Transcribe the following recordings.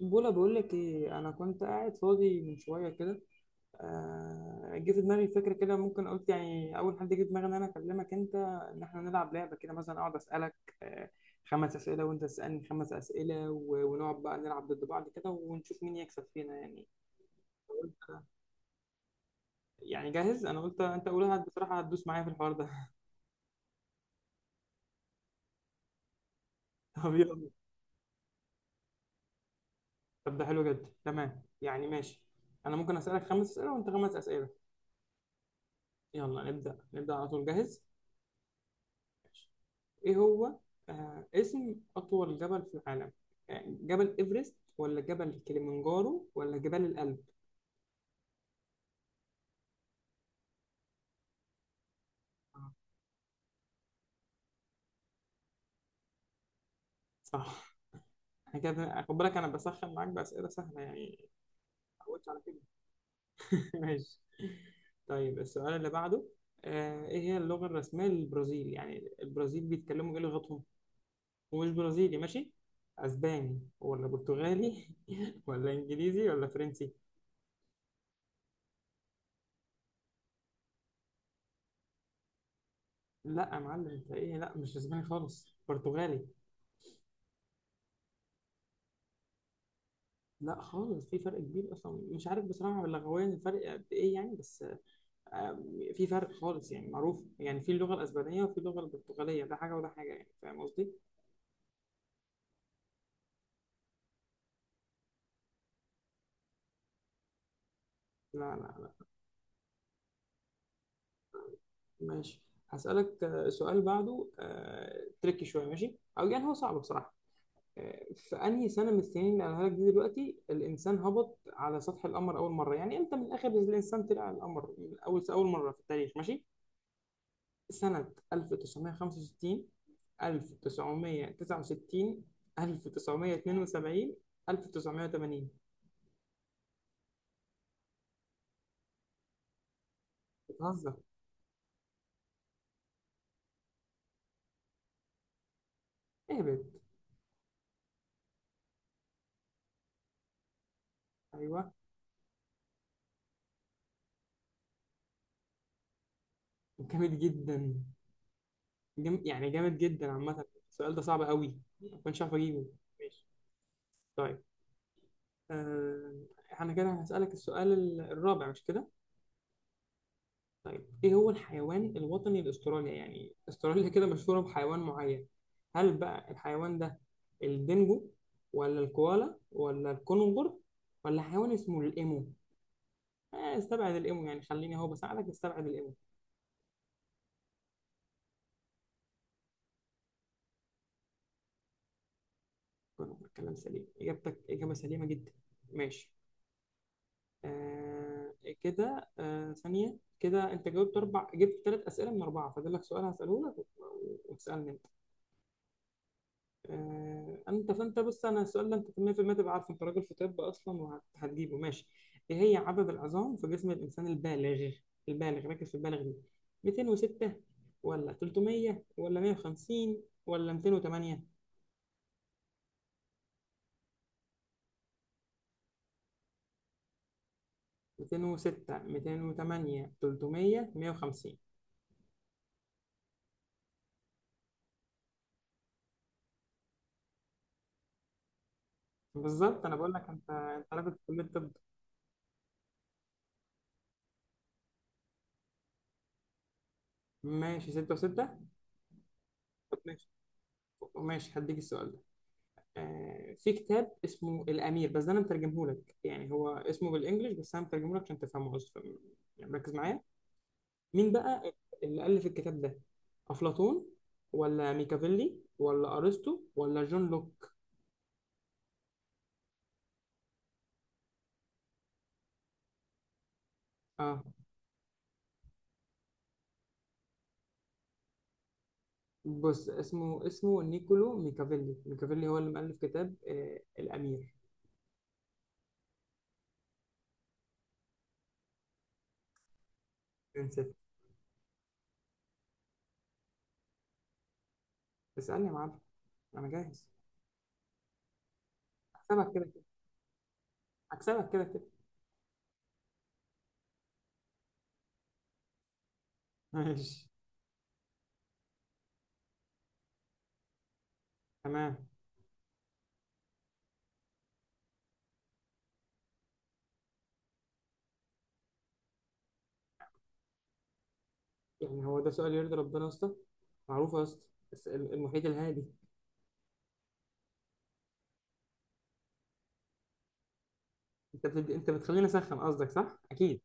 بولا، بقول لك ايه، انا كنت قاعد فاضي من شويه كده. جه في دماغي فكره كده، ممكن قلت يعني اول حد جه في دماغي ان انا اكلمك انت، ان احنا نلعب لعبه كده، مثلا اقعد اسالك آه، خمس اسئله وانت تسالني خمس اسئله، ونقعد بقى نلعب ضد بعض كده ونشوف مين يكسب فينا يعني. قلت يعني جاهز، انا قلت انت اول واحد بصراحه هتدوس معايا في الحوار ده. طب، يلا. طب، ده حلو جدا، تمام يعني ماشي. انا ممكن اسالك خمس اسئله وانت خمس اسئله. يلا نبدا نبدا على طول، جاهز؟ إيه هو؟ اسم أطول جبل في العالم؟ جبل إيفرست ولا جبل كليمنجارو ولا جبال الألب؟ آه، صح. أنا كده خد بالك، أنا بسخن معاك بأسئلة سهلة يعني. ما تعودش على كده. ماشي. طيب، السؤال اللي بعده. إيه هي اللغة الرسمية للبرازيل؟ يعني البرازيل بيتكلموا إيه لغتهم؟ ومش برازيلي ماشي؟ أسباني ولا برتغالي ولا إنجليزي ولا فرنسي؟ لا يا معلم، أنت إيه، لا مش أسباني خالص، برتغالي. لا خالص، في فرق كبير اصلا، مش عارف بصراحه لغويا الفرق قد ايه يعني بس. آم، في فرق خالص يعني معروف، يعني في اللغه الاسبانيه وفي اللغه البرتغاليه، ده حاجه وده حاجه، يعني فاهم قصدي؟ لا، لا، لا. ماشي، هسألك سؤال بعده، تريكي شويه، ماشي او يعني هو صعب بصراحه. في انهي سنه من السنين اللي قالها لك دي دلوقتي الانسان هبط على سطح القمر اول مره، يعني امتى من الاخر الانسان طلع على القمر من اول اول مره في التاريخ، ماشي؟ سنة 1965، 1969، 1972، 1980؟ بتهزر؟ اهبط. ايوه. جامد جدا. يعني جامد جدا عامة. السؤال ده صعب قوي، ما كنتش عارف اجيبه. ماشي. طيب. آه... احنا كده هسألك السؤال الرابع، مش كده؟ طيب، ايه هو الحيوان الوطني لاستراليا؟ يعني استراليا كده مشهورة بحيوان معين. هل بقى الحيوان ده الدينجو، ولا الكوالا، ولا الكونغر، ولا حيوان اسمه الايمو؟ استبعد الايمو، يعني خليني اهو بساعدك، استبعد الايمو. كونغر، كلام سليم، اجابتك اجابة سليمة جدا. ماشي. آه كده، ثانية كده، انت جاوبت اربع، جبت ثلاث اسئلة من اربعة، فاضل لك سؤال هسأله لك وتسألني. فانت بص، انا السؤال ده انت 100% تبقى عارفه، انت راجل في طب اصلا وهتجيبه ماشي. ايه هي عدد العظام في جسم الانسان البالغ؟ البالغ، ركز في البالغ دي. 206، ولا 300، ولا 150، ولا 208؟ 206، 208، 300، 150. بالظبط، انا بقول لك انت راجل في كليه الطب. ماشي، 6 و6. طب، ماشي. ماشي، هديك السؤال. في كتاب اسمه الأمير، بس ده أنا مترجمه لك، يعني هو اسمه بالإنجلش، بس أنا مترجمه لك عشان تفهمه، بس يعني ركز معايا. مين بقى اللي ألف الكتاب ده؟ أفلاطون، ولا ميكافيلي، ولا أرسطو، ولا جون لوك؟ آه. بص، اسمه نيكولو ميكافيلي، ميكافيلي هو اللي مؤلف كتاب الأمير. نسيت. اسألني يا معلم، أنا جاهز. هكسبك كده كده. هكسبك كده كده. ماشي. تمام. يعني هو ده سؤال يرضي ربنا يا اسطى؟ معروفة يا اسطى. بس المحيط الهادي. انت بتخليني اسخن، قصدك صح؟ اكيد.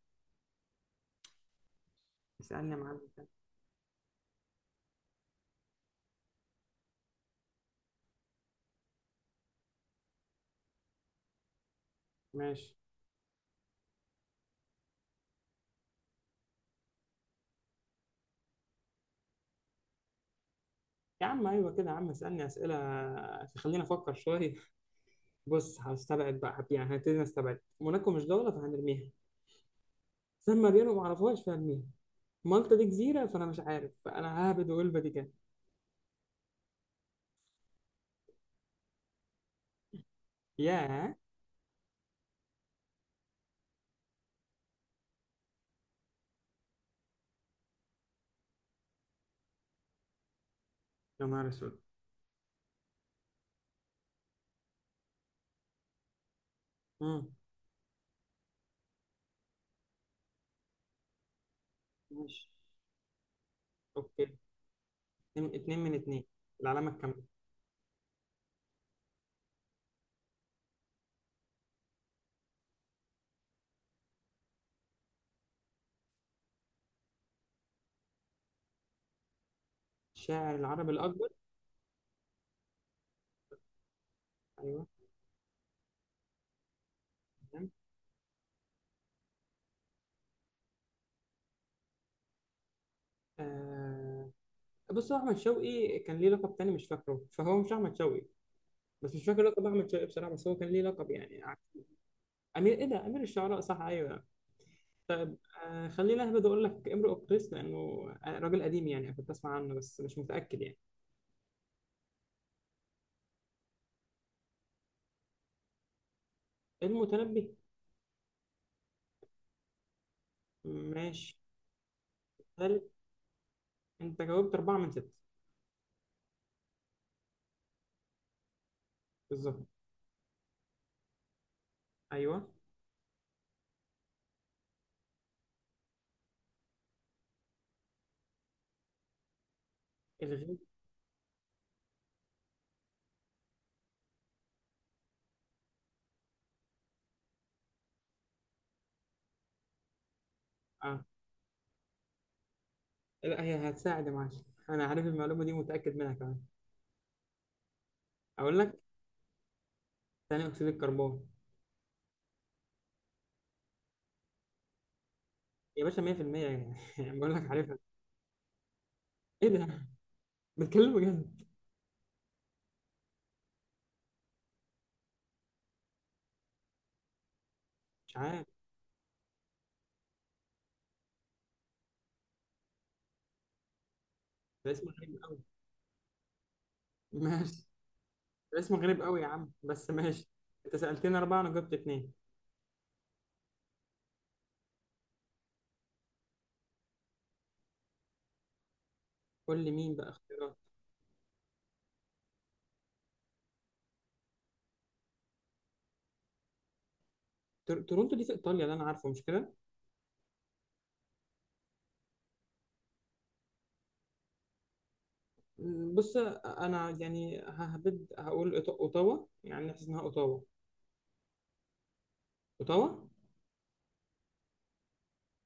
اسالني يا معلم. ماشي يا عم، ايوه كده يا عم، اسالني اسئله تخليني افكر شويه. بص، هستبعد بقى، يعني هبتدي نستبعد موناكو، مش دوله فهنرميها. سان مارينو ما اعرفهاش فهرميها. مالطا دي جزيره، فانا مش عارف، فانا ههبد واقول فاتيكان. ياه. يا نهار اسود. امم. ماشي. اوكي. اتنين، اتنين من اتنين. العلامه الكامله. الشاعر العربي الاكبر. ايوه. تمام. آه... بص، هو احمد شوقي كان ليه لقب تاني مش فاكره، فهو مش احمد شوقي. بس مش فاكر لقب احمد شوقي بصراحه، بس هو كان ليه لقب يعني. امير ايه ده؟ امير الشعراء، صح، ايوه. طيب. خليني اهبد اقول لك امرؤ القيس، لانه راجل قديم يعني، كنت اسمع عنه بس مش متاكد يعني. المتنبي. ماشي. ثالث. انت جاوبت اربعه من سته. بالظبط. ايوه. الغيب. اه، لا هي هتساعد يا معلم. انا عارف المعلومه دي، متاكد منها كمان. اقول لك. ثاني اكسيد الكربون. يا باشا 100% يعني، بقول لك عارفها. ايه ده؟ بتكلم بجد؟ مش عارف. ده اسمه غريب قوي. ماشي. اسم غريب قوي يا عم، بس ماشي. انت سألتني أربعة أنا جبت اتنين. قول لي مين بقى اختيارات. تورونتو دي في إيطاليا اللي أنا عارفه، مش كده؟ بص، أنا يعني ههبد هقول أوتاوا، يعني نحس إنها أوتاوا. أوتاوا.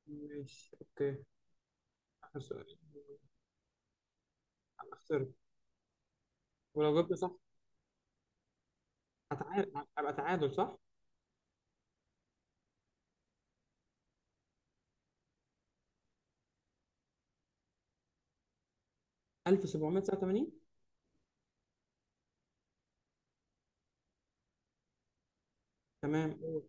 ماشي، أوكي. آخر سؤال. أنا خسرت. ولو جبت صح هتعادل؟ هبقى تعادل، صح؟ 1789. تمام، قول.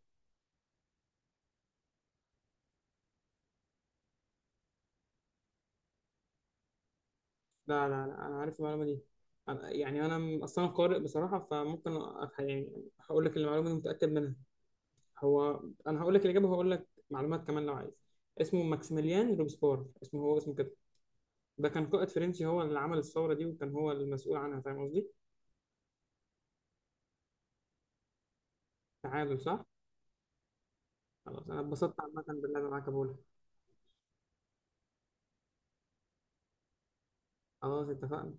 لا، لا، لا، أنا عارف المعلومة دي. يعني أنا أصلا قارئ بصراحة، فممكن يعني هقول لك المعلومة دي متأكد منها. هو، انا هقول لك الاجابه وهقول لك معلومات كمان لو عايز. اسمه ماكسيميليان روبسبور، اسمه هو اسمه كده. ده كان قائد فرنسي، هو اللي عمل الثوره دي وكان هو المسؤول عنها، فاهم قصدي؟ تعادل، صح؟ خلاص، انا اتبسطت عامه باللعب معاك يا بولا. خلاص، اتفقنا.